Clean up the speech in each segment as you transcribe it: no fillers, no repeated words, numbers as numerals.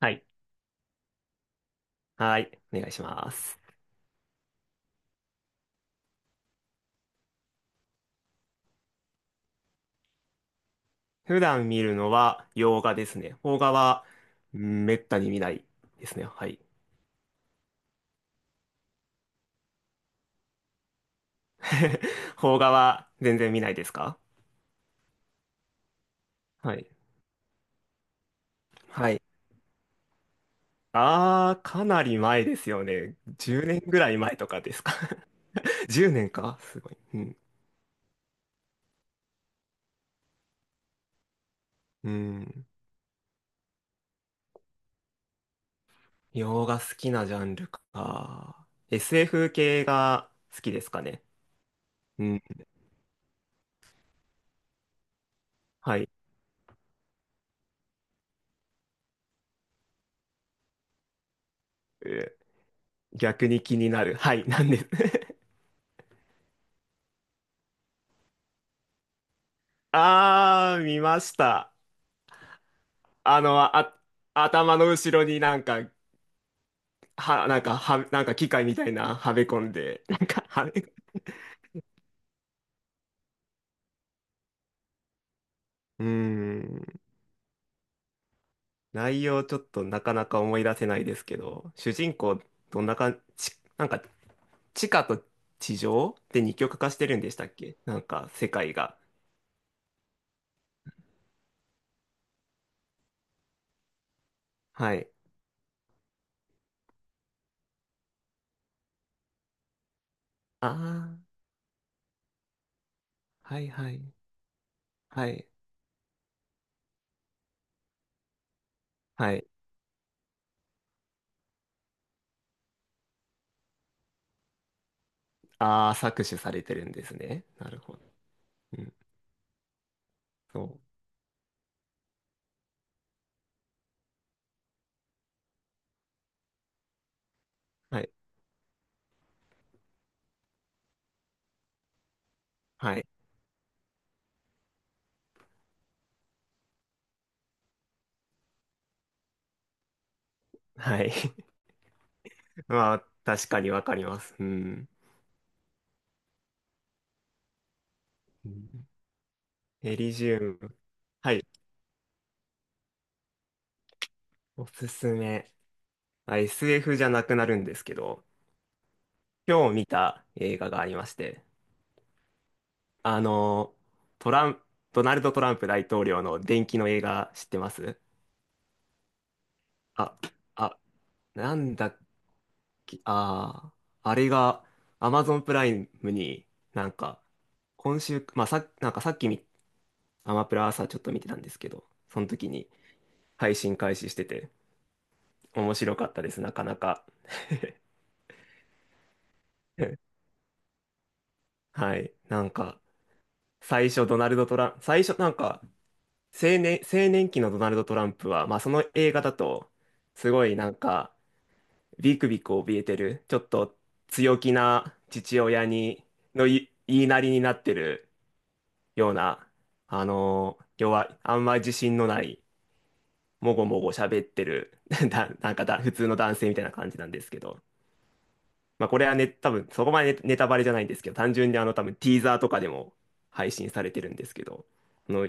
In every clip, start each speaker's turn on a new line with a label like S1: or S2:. S1: はい。はい。お願いします。普段見るのは洋画ですね。邦画は、うんめったに見ないですね。はい。邦画は全然見ないですか？はい。はい。あー、かなり前ですよね。10年ぐらい前とかですか？10年 かすごい。うん。うん。洋画好きなジャンルか。SF 系が好きですかね。うん。はい。えー、逆に気になる。はい。なんです。あー、見ました。あの、あ、頭の後ろになんか、は、なんか、は、なんか機械みたいなはめ込んで、なんか、はめ、うーん、内容ちょっとなかなか思い出せないですけど、主人公、どんな感じ、なんか、地下と地上で二極化してるんでしたっけ？なんか、世界が。はい。ああ、はいはい。はい。はい。ああ、搾取されてるんですね。なるほど。うん、そう。はい。はい。はい。まあ、確かにわかります。うん。うん、エリジウム。はい。おすすめ。まあ SF じゃなくなるんですけど、今日見た映画がありまして、あの、トラン、ドナルド・トランプ大統領の伝記の映画知ってます？あ、あ、なんだっけ、ああ、あれが Amazon プライムになんか、今週、まあ、さ、なんかさっきアマプラ朝ちょっと見てたんですけど、その時に配信開始してて、面白かったです、なかなか。はい。なんか、最初ドナルド・トランプ、最初なんか、青年、青年期のドナルド・トランプは、まあその映画だと、すごいなんか、ビクビク怯えてる、ちょっと強気な父親に、言いなりになってるような、あのー弱い、あんま自信のない、もごもご喋ってる、な、なんかだ、普通の男性みたいな感じなんですけど、まあこれはね、多分そこまでねネタバレじゃないんですけど、単純にあの多分ティーザーとかでも配信されてるんですけど、あの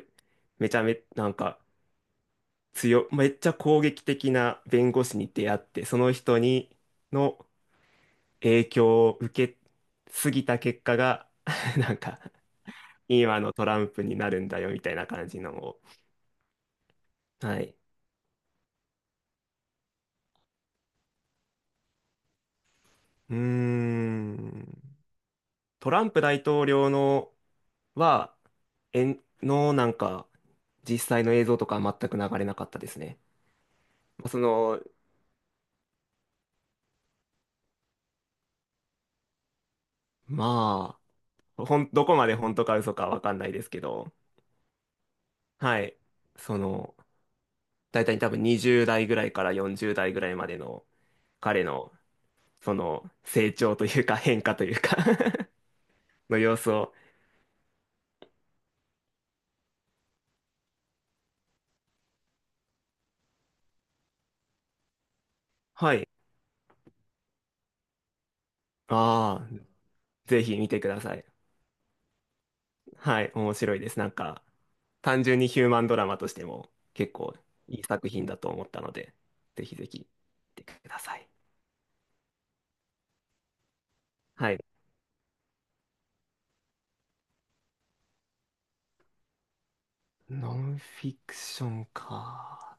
S1: めちゃめ、なんかめっちゃ攻撃的な弁護士に出会って、その人にの影響を受けすぎた結果が、なんか今のトランプになるんだよみたたいな感じのを。はい。うーん。トランプ大統領のは、えんのなんか、実際の映像とかは全く流れなかったですね。まあその、まほん、どこまで本当か嘘かわかんないですけど、はい。その、大体多分20代ぐらいから40代ぐらいまでの彼の、その、成長というか変化というか の様子を、はい。ああ、ぜひ見てください。はい、面白いです。なんか、単純にヒューマンドラマとしても結構いい作品だと思ったので、ぜひぜひ見てください。はい。ノンフィクションか。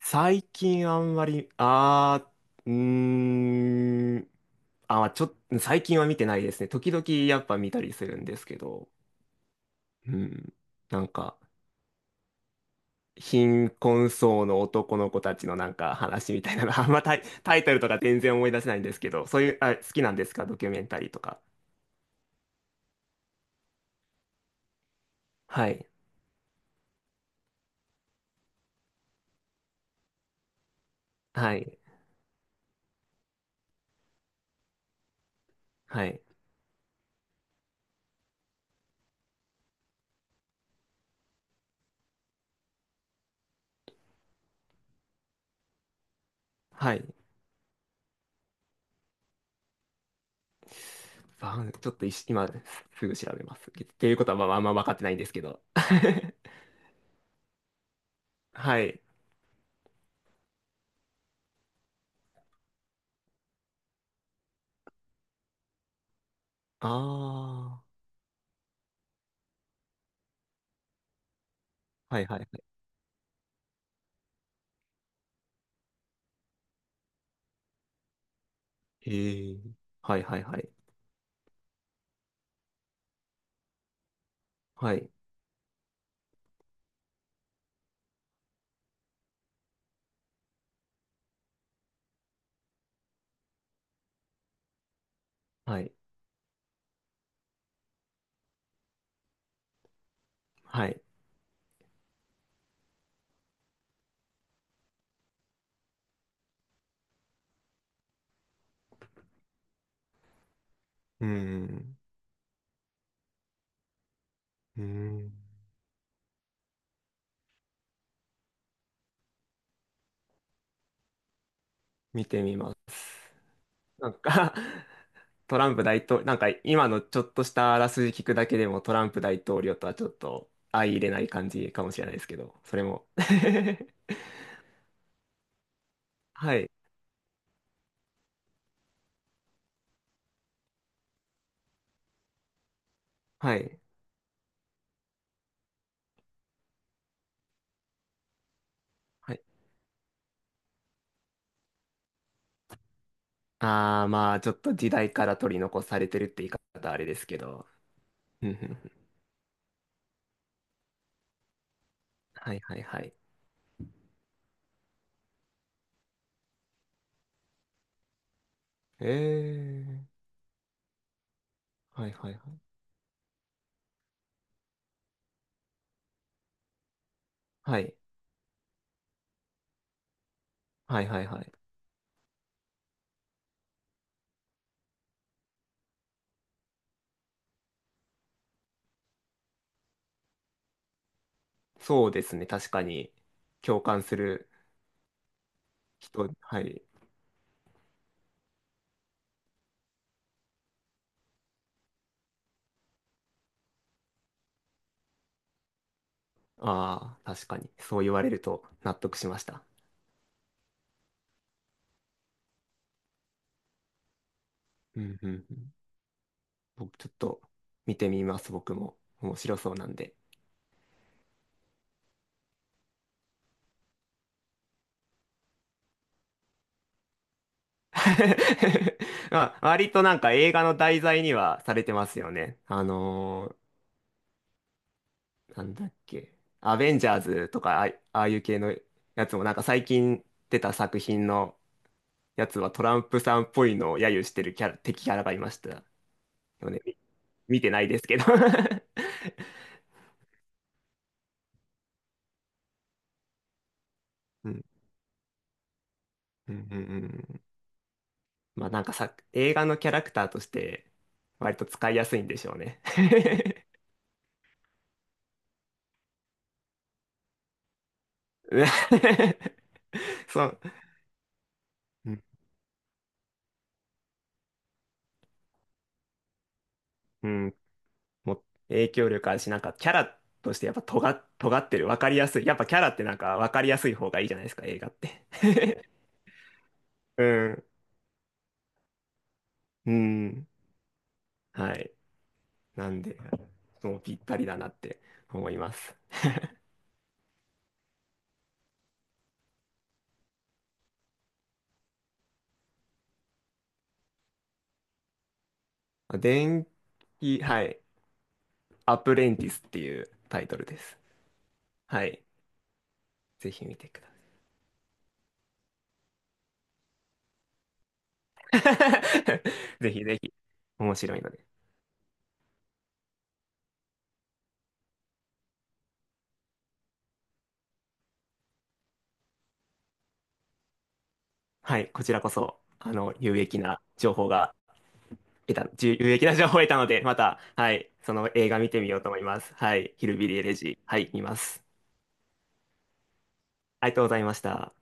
S1: 最近あんまり、あー、うーん、あ、ちょっと、最近は見てないですね。時々やっぱ見たりするんですけど、うん、なんか、貧困層の男の子たちのなんか話みたいなの、タイトルとか全然思い出せないんですけど、そういう、あ、好きなんですか？ドキュメンタリーとか。はい。はい。はい。はい。バンちょっといし今すぐ調べます。っていうことはまあ、あんま分かってないんですけど。はい。ああ。はいはいはい。へえ。はいはいはい。はい。はい。はい。うーん。うーん。見てみます。なんか トランプ大統領、なんか今のちょっとしたあらすじ聞くだけでもトランプ大統領とはちょっと相入れない感じかもしれないですけど、それも。はい、はい、はい。ああ、まあちょっと時代から取り残されてるって言い方はあれですけど。ふんふんふん、はい、はい、はい。ええ、はい、はい、はい。はい、はい、はい、はい。そうですね、確かに。共感する人、はい。ああ、確かに。そう言われると納得しました。うん、うん、うん。僕ちょっと見てみます、僕も。面白そうなんで。まあ、割となんか映画の題材にはされてますよね。あのー、なんだっけ。アベンジャーズとか、あ、ああいう系のやつもなんか最近出た作品のやつはトランプさんっぽいのを揶揄してるキャラ、敵キャラがいましたよね。見てないですけど うん、うん、うん。うん、まあなんかさ、映画のキャラクターとして割と使いやすいんでしょうね。そう、うん、うん、もう影響力あるし、なんかキャラとしてやっぱ尖ってる、わかりやすい。やっぱキャラってなんかわかりやすい方がいいじゃないですか、映画って。うん、うん、はい。なんで、もうぴったりだなって思います。電気、はい、アプレンティスっていうタイトルです。はい、ぜひ見てください。ぜひぜひ、面白いので。はい、こちらこそ、あの、有益な情報を得たので、また、はい、その映画見てみようと思います。はい、ヒルビリー・エレジー、はい、見ます。ありがとうございました。